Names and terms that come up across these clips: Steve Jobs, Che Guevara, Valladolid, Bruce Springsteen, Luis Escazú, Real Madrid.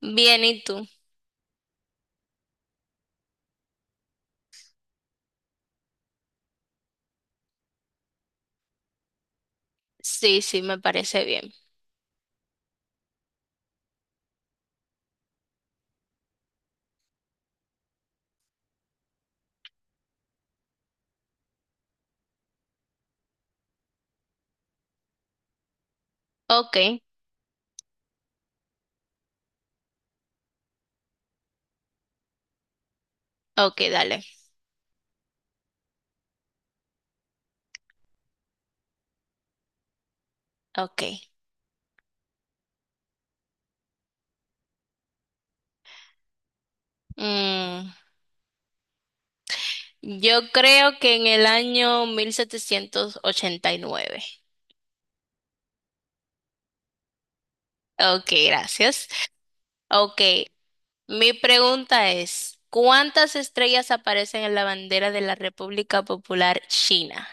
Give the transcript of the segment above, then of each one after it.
Bien, ¿y tú? Sí, sí, me parece bien. Ok, ok, dale. Ok. Mm, yo creo que en el año 1789. Ok, gracias. Ok, mi pregunta es, ¿cuántas estrellas aparecen en la bandera de la República Popular China?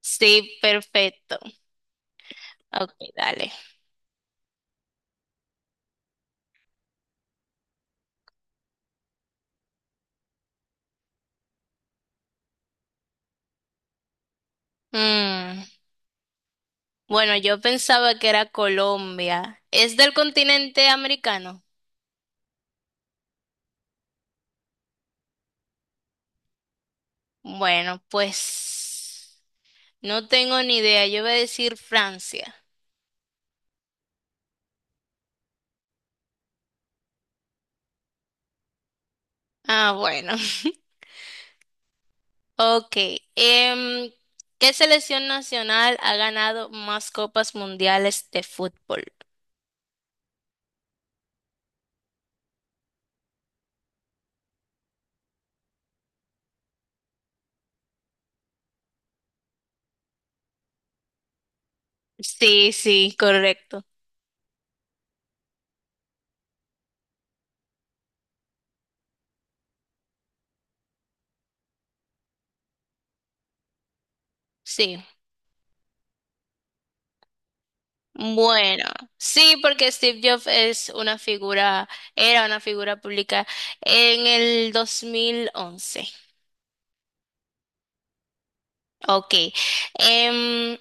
Sí, perfecto. Ok, dale. Mm, bueno, yo pensaba que era Colombia. ¿Es del continente americano? Bueno, pues no tengo ni idea. Yo voy a decir Francia. Ah, bueno. Ok. Em, ¿Qué selección nacional ha ganado más copas mundiales de fútbol? Sí, sí, correcto. Sí. Bueno, sí, porque Steve Jobs es una figura, era una figura pública en el 2011. Ok. Em,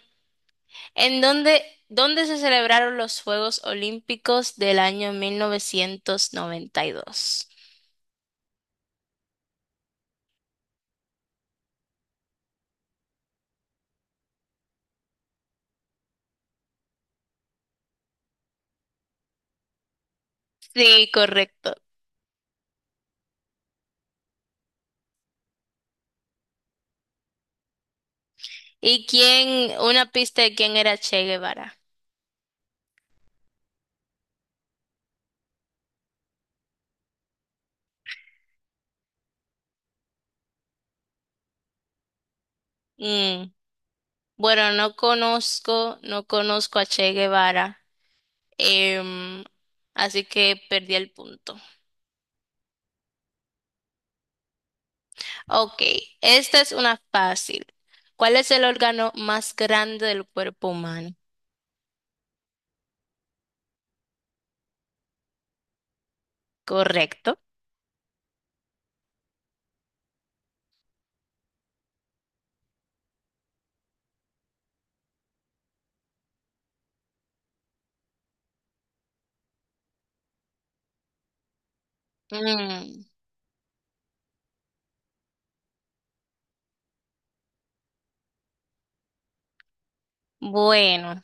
¿En dónde, dónde se celebraron los Juegos Olímpicos del año 1992? Sí, correcto. ¿Y quién, una pista de quién era Che Guevara? Mm, bueno, no conozco, no conozco a Che Guevara, em, así que perdí el punto. Ok, esta es una fácil. ¿Cuál es el órgano más grande del cuerpo humano? Correcto. Mm. Bueno,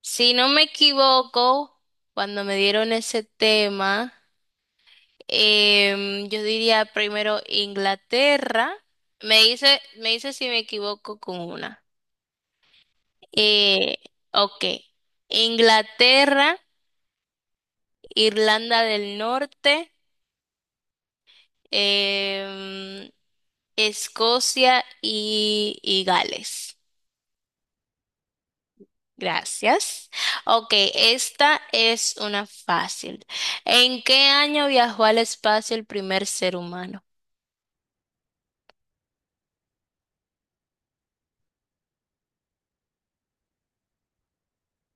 si no me equivoco, cuando me dieron ese tema, yo diría primero Inglaterra. Me dice si me equivoco con una. Eh, ok. Inglaterra, Irlanda del Norte, em, Escocia y Gales. Gracias. Ok, esta es una fácil. ¿En qué año viajó al espacio el primer ser humano?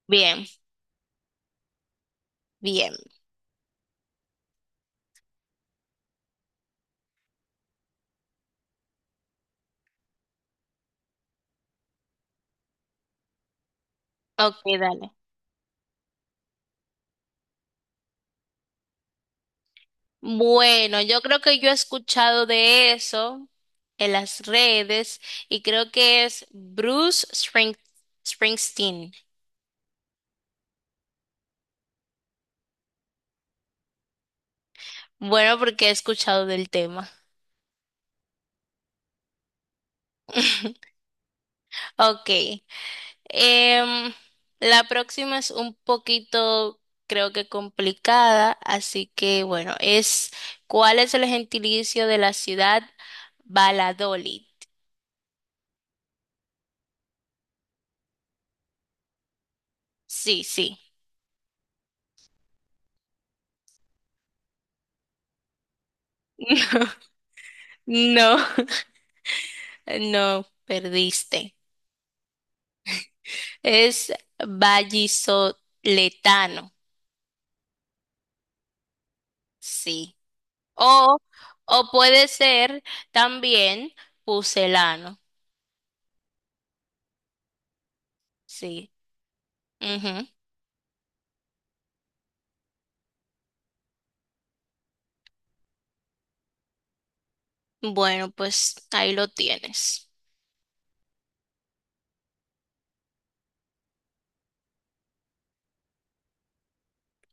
Bien, bien. Ok, dale. Bueno, yo creo que yo he escuchado de eso en las redes y creo que es Bruce Springsteen. Bueno, porque he escuchado del tema. Ok. Em, la próxima es un poquito, creo que complicada, así que bueno, es ¿cuál es el gentilicio de la ciudad Valladolid? Sí, sí. No. No, perdiste. Es vallisoletano, sí. O, o puede ser también pucelano, sí. Ujú. Bueno, pues ahí lo tienes.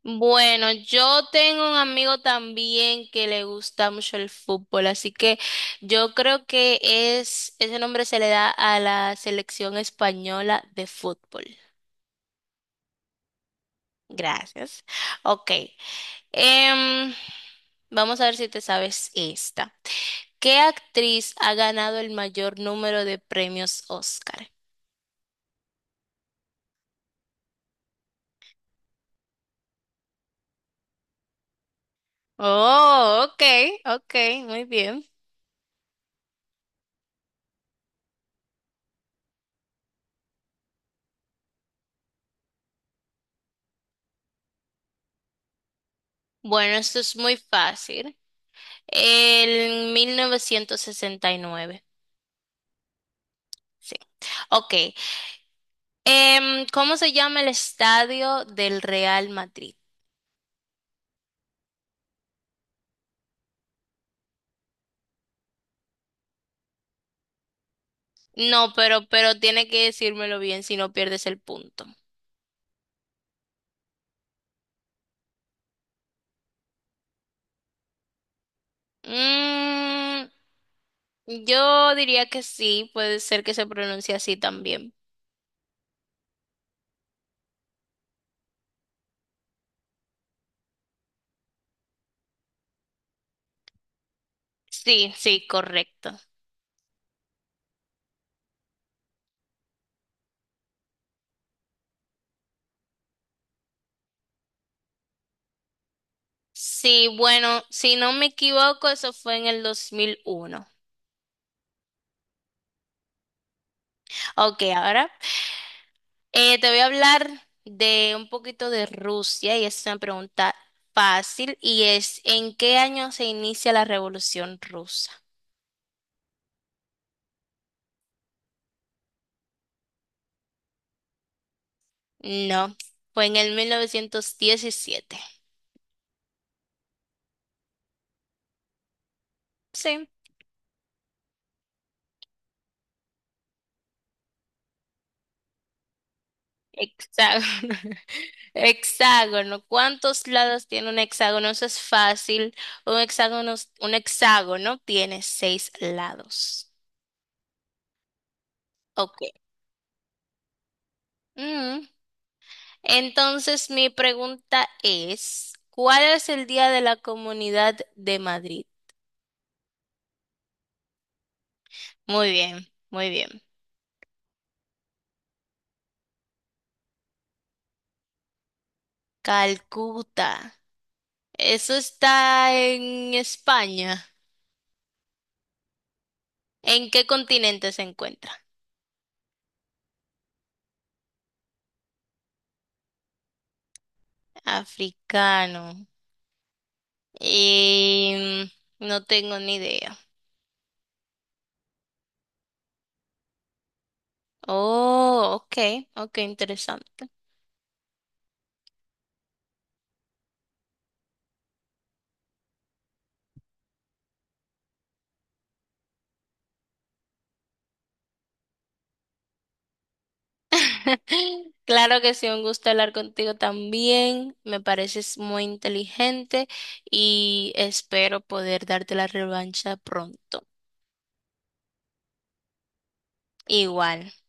Bueno, yo tengo un amigo también que le gusta mucho el fútbol, así que yo creo que es, ese nombre se le da a la selección española de fútbol. Gracias. Ok. Em, vamos a ver si te sabes esta. ¿Qué actriz ha ganado el mayor número de premios Oscar? Oh, ok, ok, muy bien. Bueno, esto es muy fácil. El 1969. Sí. Ok. ¿Cómo se llama el estadio del Real Madrid? No, pero tiene que decírmelo bien si no pierdes el punto. Mm, Yo diría que sí, puede ser que se pronuncie así también. Sí, sí, correcto. Sí, bueno, si no me equivoco, eso fue en el 2001. Ok, ahora te voy a hablar de un poquito de Rusia y es una pregunta fácil y es ¿en qué año se inicia la Revolución Rusa? No, fue en el 1917. Sí. Hexágono. Hexágono. ¿Cuántos lados tiene un hexágono? Eso es fácil. Un hexágono, un hexágono tiene seis lados. Ok. Mm. Entonces, mi pregunta es, ¿cuál es el Día de la Comunidad de Madrid? Muy bien, muy bien. Calcuta. Eso está en España. ¿En qué continente se encuentra? Africano. Y no tengo ni idea. Oh, ok, ok, interesante. Claro que sí, un gusto hablar contigo también. Me pareces muy inteligente y espero poder darte la revancha pronto. Igual.